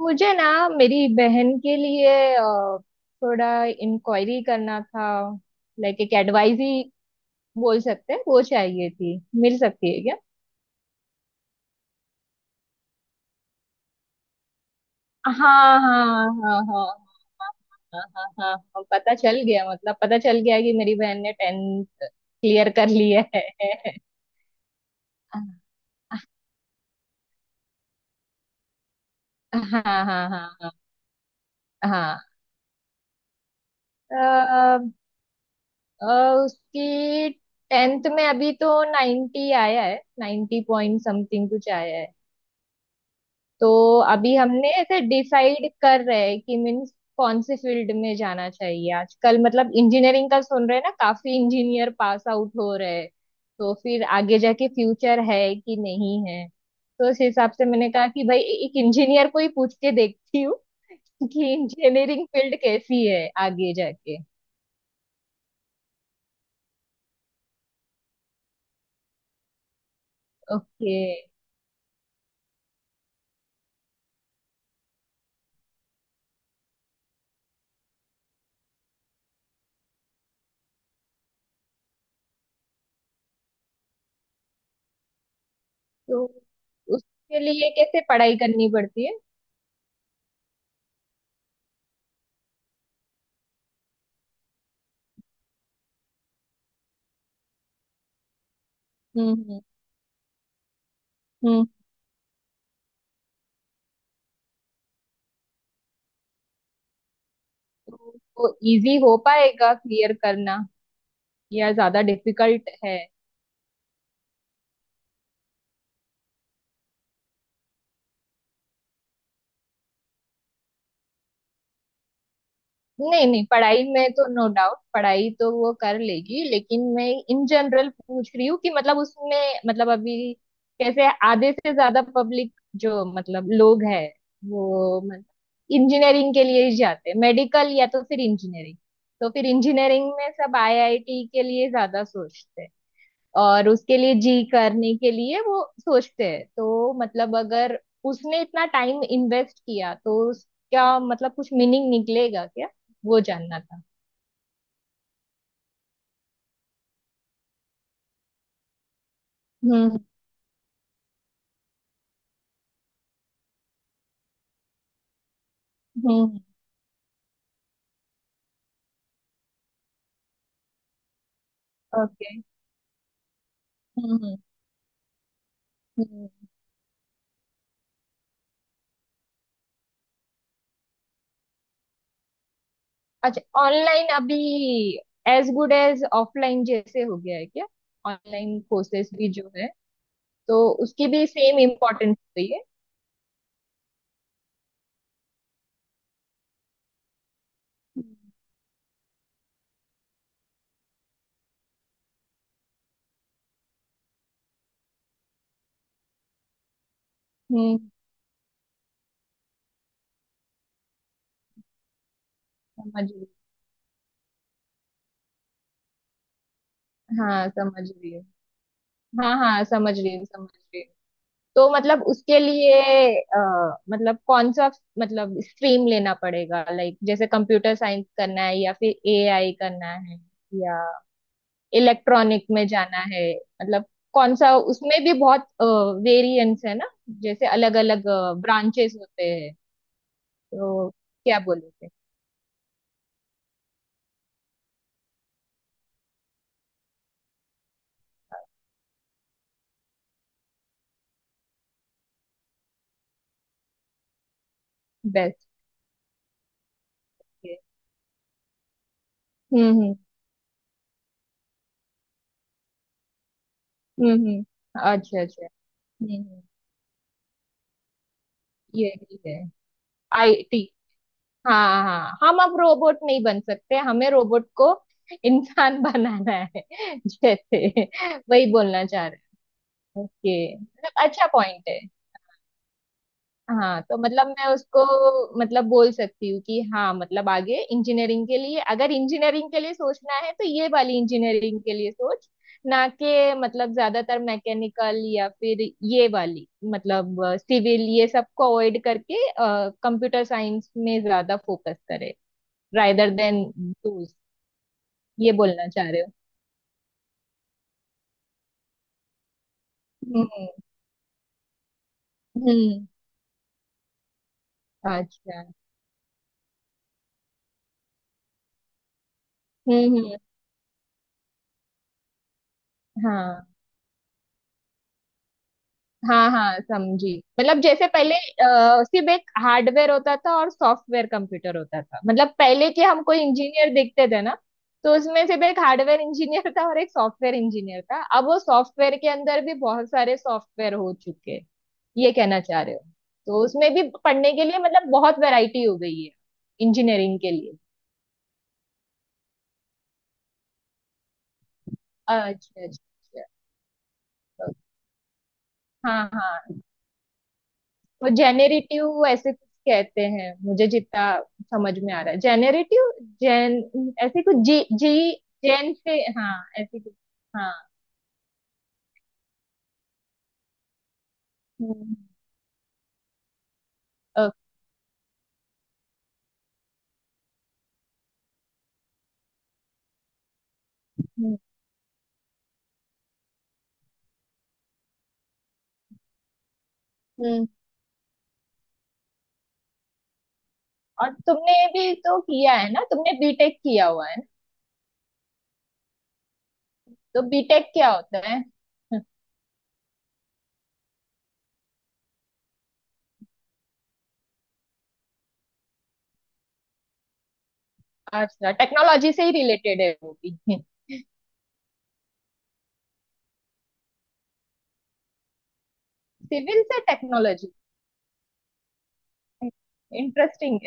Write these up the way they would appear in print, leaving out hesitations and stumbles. मुझे ना मेरी बहन के लिए थोड़ा इंक्वायरी करना था। लाइक एक एडवाइस ही बोल सकते हैं। वो चाहिए थी, मिल सकती है क्या? हाँ हाँ, हाँ हाँ, हाँ हाँ, हाँ हाँ, पता चल गया। मतलब पता चल गया कि मेरी बहन ने टेंथ क्लियर कर लिया है। हाँ हाँ, हाँ हाँ हाँ। अ, उसकी टेंथ में अभी तो 90 आया है, 90 पॉइंट समथिंग कुछ आया है। तो अभी हमने ऐसे डिसाइड कर रहे हैं कि मीन्स कौन से फील्ड में जाना चाहिए आजकल। मतलब इंजीनियरिंग का सुन रहे हैं ना, काफी इंजीनियर पास आउट हो रहे हैं। तो फिर आगे जाके फ्यूचर है कि नहीं है। तो उस हिसाब से मैंने कहा कि भाई एक इंजीनियर को ही पूछ के देखती हूँ कि इंजीनियरिंग फील्ड कैसी है आगे जाके। ओके। तो उसके लिए कैसे पढ़ाई करनी पड़ती है? हम्म हम्म हम्म। तो इजी हो पाएगा क्लियर करना या ज्यादा डिफिकल्ट है? नहीं नहीं, पढ़ाई में तो नो डाउट, पढ़ाई तो वो कर लेगी। लेकिन मैं इन जनरल पूछ रही हूँ कि मतलब उसमें मतलब अभी कैसे आधे से ज्यादा पब्लिक जो मतलब लोग है वो मतलब इंजीनियरिंग के लिए ही जाते हैं। मेडिकल या तो फिर इंजीनियरिंग। तो फिर इंजीनियरिंग में सब आईआईटी के लिए ज्यादा सोचते हैं, और उसके लिए जी करने के लिए वो सोचते हैं। तो मतलब अगर उसने इतना टाइम इन्वेस्ट किया तो उसका मतलब कुछ मीनिंग निकलेगा क्या, वो जानना था। हम्म हम्म। ओके। हम्म हम्म। अच्छा ऑनलाइन अभी एज गुड एज ऑफलाइन जैसे हो गया है क्या? ऑनलाइन कोर्सेस भी जो है तो उसकी भी सेम इम्पोर्टेंस होती है। हम्म हम्म, समझ रही हूँ। हाँ समझ रही हूँ, हाँ हाँ, समझ रही हूँ, समझ रही हूँ। तो मतलब उसके लिए मतलब कौन सा मतलब स्ट्रीम लेना पड़ेगा? लाइक जैसे कंप्यूटर साइंस करना है या फिर एआई करना है या इलेक्ट्रॉनिक में जाना है? मतलब कौन सा, उसमें भी बहुत वेरिएंस है ना, जैसे अलग अलग ब्रांचेस होते हैं। तो क्या बोलोगे बेस्ट के? हम्म, हम्म हम्म। अच्छा अच्छा। हम्म हम्म। ये भी है आईटी। हाँ हाँ, हम अब रोबोट नहीं बन सकते, हमें रोबोट को इंसान बनाना है जैसे, वही बोलना चाह रहे हैं। ओके, मतलब अच्छा पॉइंट है। हाँ तो मतलब मैं उसको मतलब बोल सकती हूँ कि हाँ मतलब आगे इंजीनियरिंग के लिए, अगर इंजीनियरिंग के लिए सोचना है तो ये वाली इंजीनियरिंग के लिए सोच, ना कि मतलब ज्यादातर मैकेनिकल या फिर ये वाली मतलब सिविल, ये सब को अवॉइड करके कंप्यूटर साइंस में ज्यादा फोकस करे रादर देन दूस ये बोलना चाह रहे हो। हम्म हम्म। अच्छा। हम्म। हाँ हाँ हाँ समझी। मतलब जैसे पहले सिर्फ एक हार्डवेयर होता था और सॉफ्टवेयर कंप्यूटर होता था, मतलब पहले के हम कोई इंजीनियर देखते थे ना, तो उसमें सिर्फ एक हार्डवेयर इंजीनियर था और एक सॉफ्टवेयर इंजीनियर था। अब वो सॉफ्टवेयर के अंदर भी बहुत सारे सॉफ्टवेयर हो चुके हैं, ये कहना चाह रहे हो? तो उसमें भी पढ़ने के लिए मतलब बहुत वैरायटी हो गई है इंजीनियरिंग के लिए। अच्छा अच्छा अच्छा। हाँ हाँ, वो जेनेरेटिव ऐसे कुछ कहते हैं, मुझे जितना समझ में आ रहा है, जेनेरेटिव जेन ऐसे कुछ, जी जी जेन से, हाँ ऐसे कुछ। हाँ। हम्म। ओके, हम्म, हम्म। और तुमने भी तो किया है ना, तुमने बीटेक किया हुआ है ना? तो बीटेक क्या होता है? अच्छा टेक्नोलॉजी से ही रिलेटेड है वो भी? सिविल से टेक्नोलॉजी, इंटरेस्टिंग।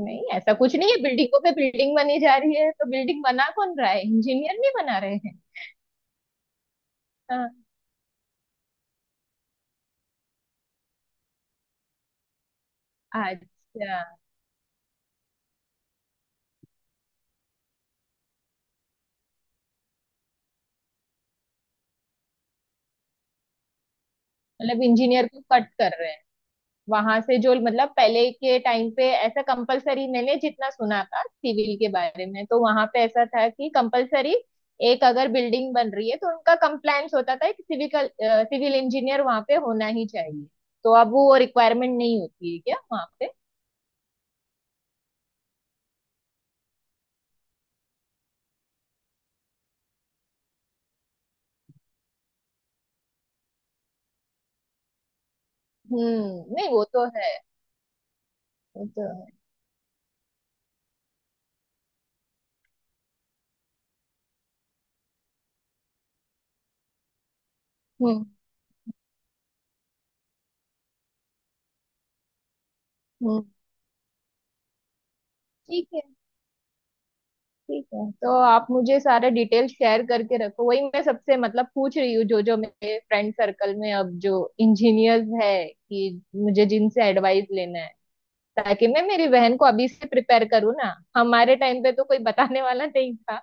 नहीं ऐसा कुछ नहीं है, बिल्डिंगों पे बिल्डिंग बनी जा रही है तो बिल्डिंग बना कौन रहा है, इंजीनियर नहीं बना रहे हैं? हाँ। अच्छा मतलब इंजीनियर को कट कर रहे हैं वहां से, जो मतलब पहले के टाइम पे ऐसा कंपलसरी मैंने जितना सुना था सिविल के बारे में तो वहां पे ऐसा था कि कंपलसरी, एक अगर बिल्डिंग बन रही है तो उनका कंप्लायंस होता था कि सिविकल सिविल इंजीनियर वहां पे होना ही चाहिए। तो अब वो रिक्वायरमेंट नहीं होती है क्या वहां पे? हम्म, नहीं वो तो है, वो तो है। हम्म हम्म। ठीक है, ठीक है। तो आप मुझे सारे डिटेल शेयर करके रखो। वही मैं सबसे मतलब पूछ रही हूँ, जो जो मेरे फ्रेंड सर्कल में अब जो इंजीनियर्स है कि मुझे जिनसे एडवाइस लेना है, ताकि मैं मेरी बहन को अभी से प्रिपेयर करूँ ना। हमारे टाइम पे तो कोई बताने वाला नहीं था,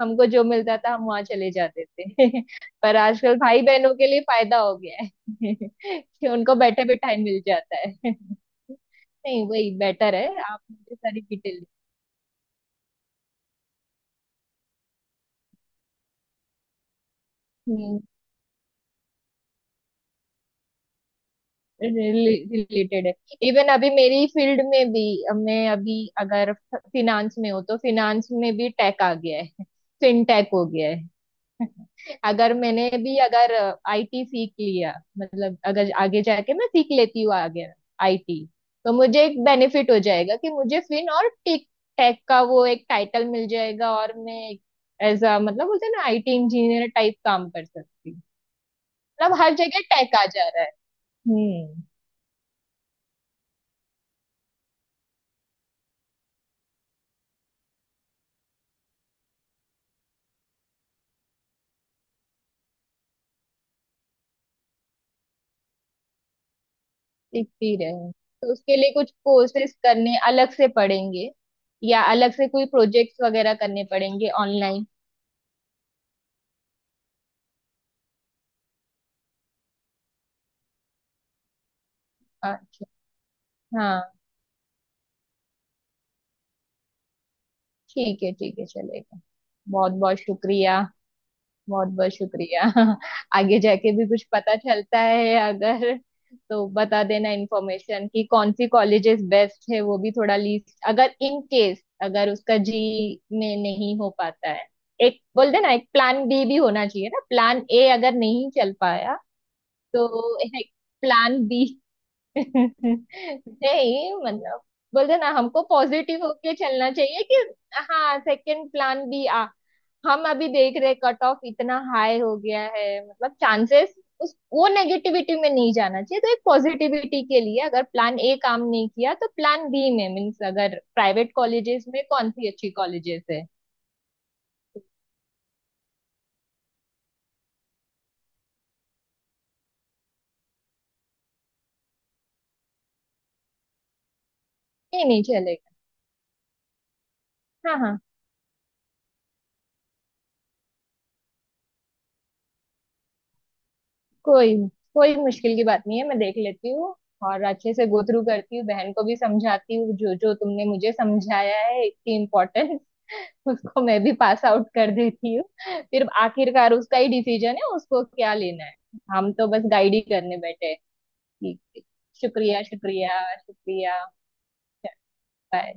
हमको जो मिलता था हम वहां चले जाते थे। पर आजकल भाई बहनों के लिए फायदा हो गया है, कि उनको बैठे बिठाए मिल जाता है। नहीं वही बेटर है, आप मुझे सारी डिटेल रिलेटेड है। इवन अभी मेरी फील्ड में भी, मैं अभी अगर फिनांस में हो तो फिनांस में भी टेक आ गया है, फिनटेक हो गया है। अगर मैंने भी अगर आईटी सीख लिया, मतलब अगर आगे जाके मैं सीख लेती हूँ आगे आईटी, तो मुझे एक बेनिफिट हो जाएगा कि मुझे फिन और टेक, टेक का वो एक टाइटल मिल जाएगा और मैं एज अ मतलब बोलते हैं ना आईटी इंजीनियर टाइप काम कर सकती हूँ। मतलब हर जगह टेक आ जा रहा है। हम्म, सीख भी रहे हैं। तो उसके लिए कुछ कोर्सेज करने अलग से पड़ेंगे या अलग से कोई प्रोजेक्ट्स वगैरह करने पड़ेंगे ऑनलाइन? अच्छा। हाँ। ठीक है ठीक है, चलेगा। बहुत बहुत शुक्रिया, बहुत बहुत शुक्रिया। आगे जाके भी कुछ पता चलता है अगर तो बता देना इन्फॉर्मेशन कि कौन सी कॉलेजेस बेस्ट है। वो भी थोड़ा लिस्ट, अगर इन केस अगर उसका जी में नहीं हो पाता है, एक बोल देना। एक प्लान बी भी होना चाहिए ना, प्लान ए अगर नहीं चल पाया तो एक प्लान बी। नहीं मतलब, बोलते ना हमको पॉजिटिव होके चलना चाहिए कि हाँ सेकंड प्लान बी आ हम अभी देख रहे कट ऑफ इतना हाई हो गया है, मतलब चांसेस, उस वो नेगेटिविटी में नहीं जाना चाहिए। तो एक पॉजिटिविटी के लिए अगर प्लान ए काम नहीं किया तो प्लान बी में मीन्स अगर प्राइवेट कॉलेजेस में कौन सी अच्छी कॉलेजेस है? ये नहीं चलेगा। हाँ हाँ। कोई कोई मुश्किल की बात नहीं है, मैं देख लेती हूँ और अच्छे से गो थ्रू करती हूँ, बहन को भी समझाती हूँ जो जो तुमने मुझे समझाया है इतनी इम्पोर्टेंट। उसको मैं भी पास आउट कर देती हूँ। फिर आखिरकार उसका ही डिसीजन है उसको क्या लेना है, हम तो बस गाइड ही करने बैठे हैं। ठीक है। शुक्रिया शुक्रिया शुक्रिया। बाय।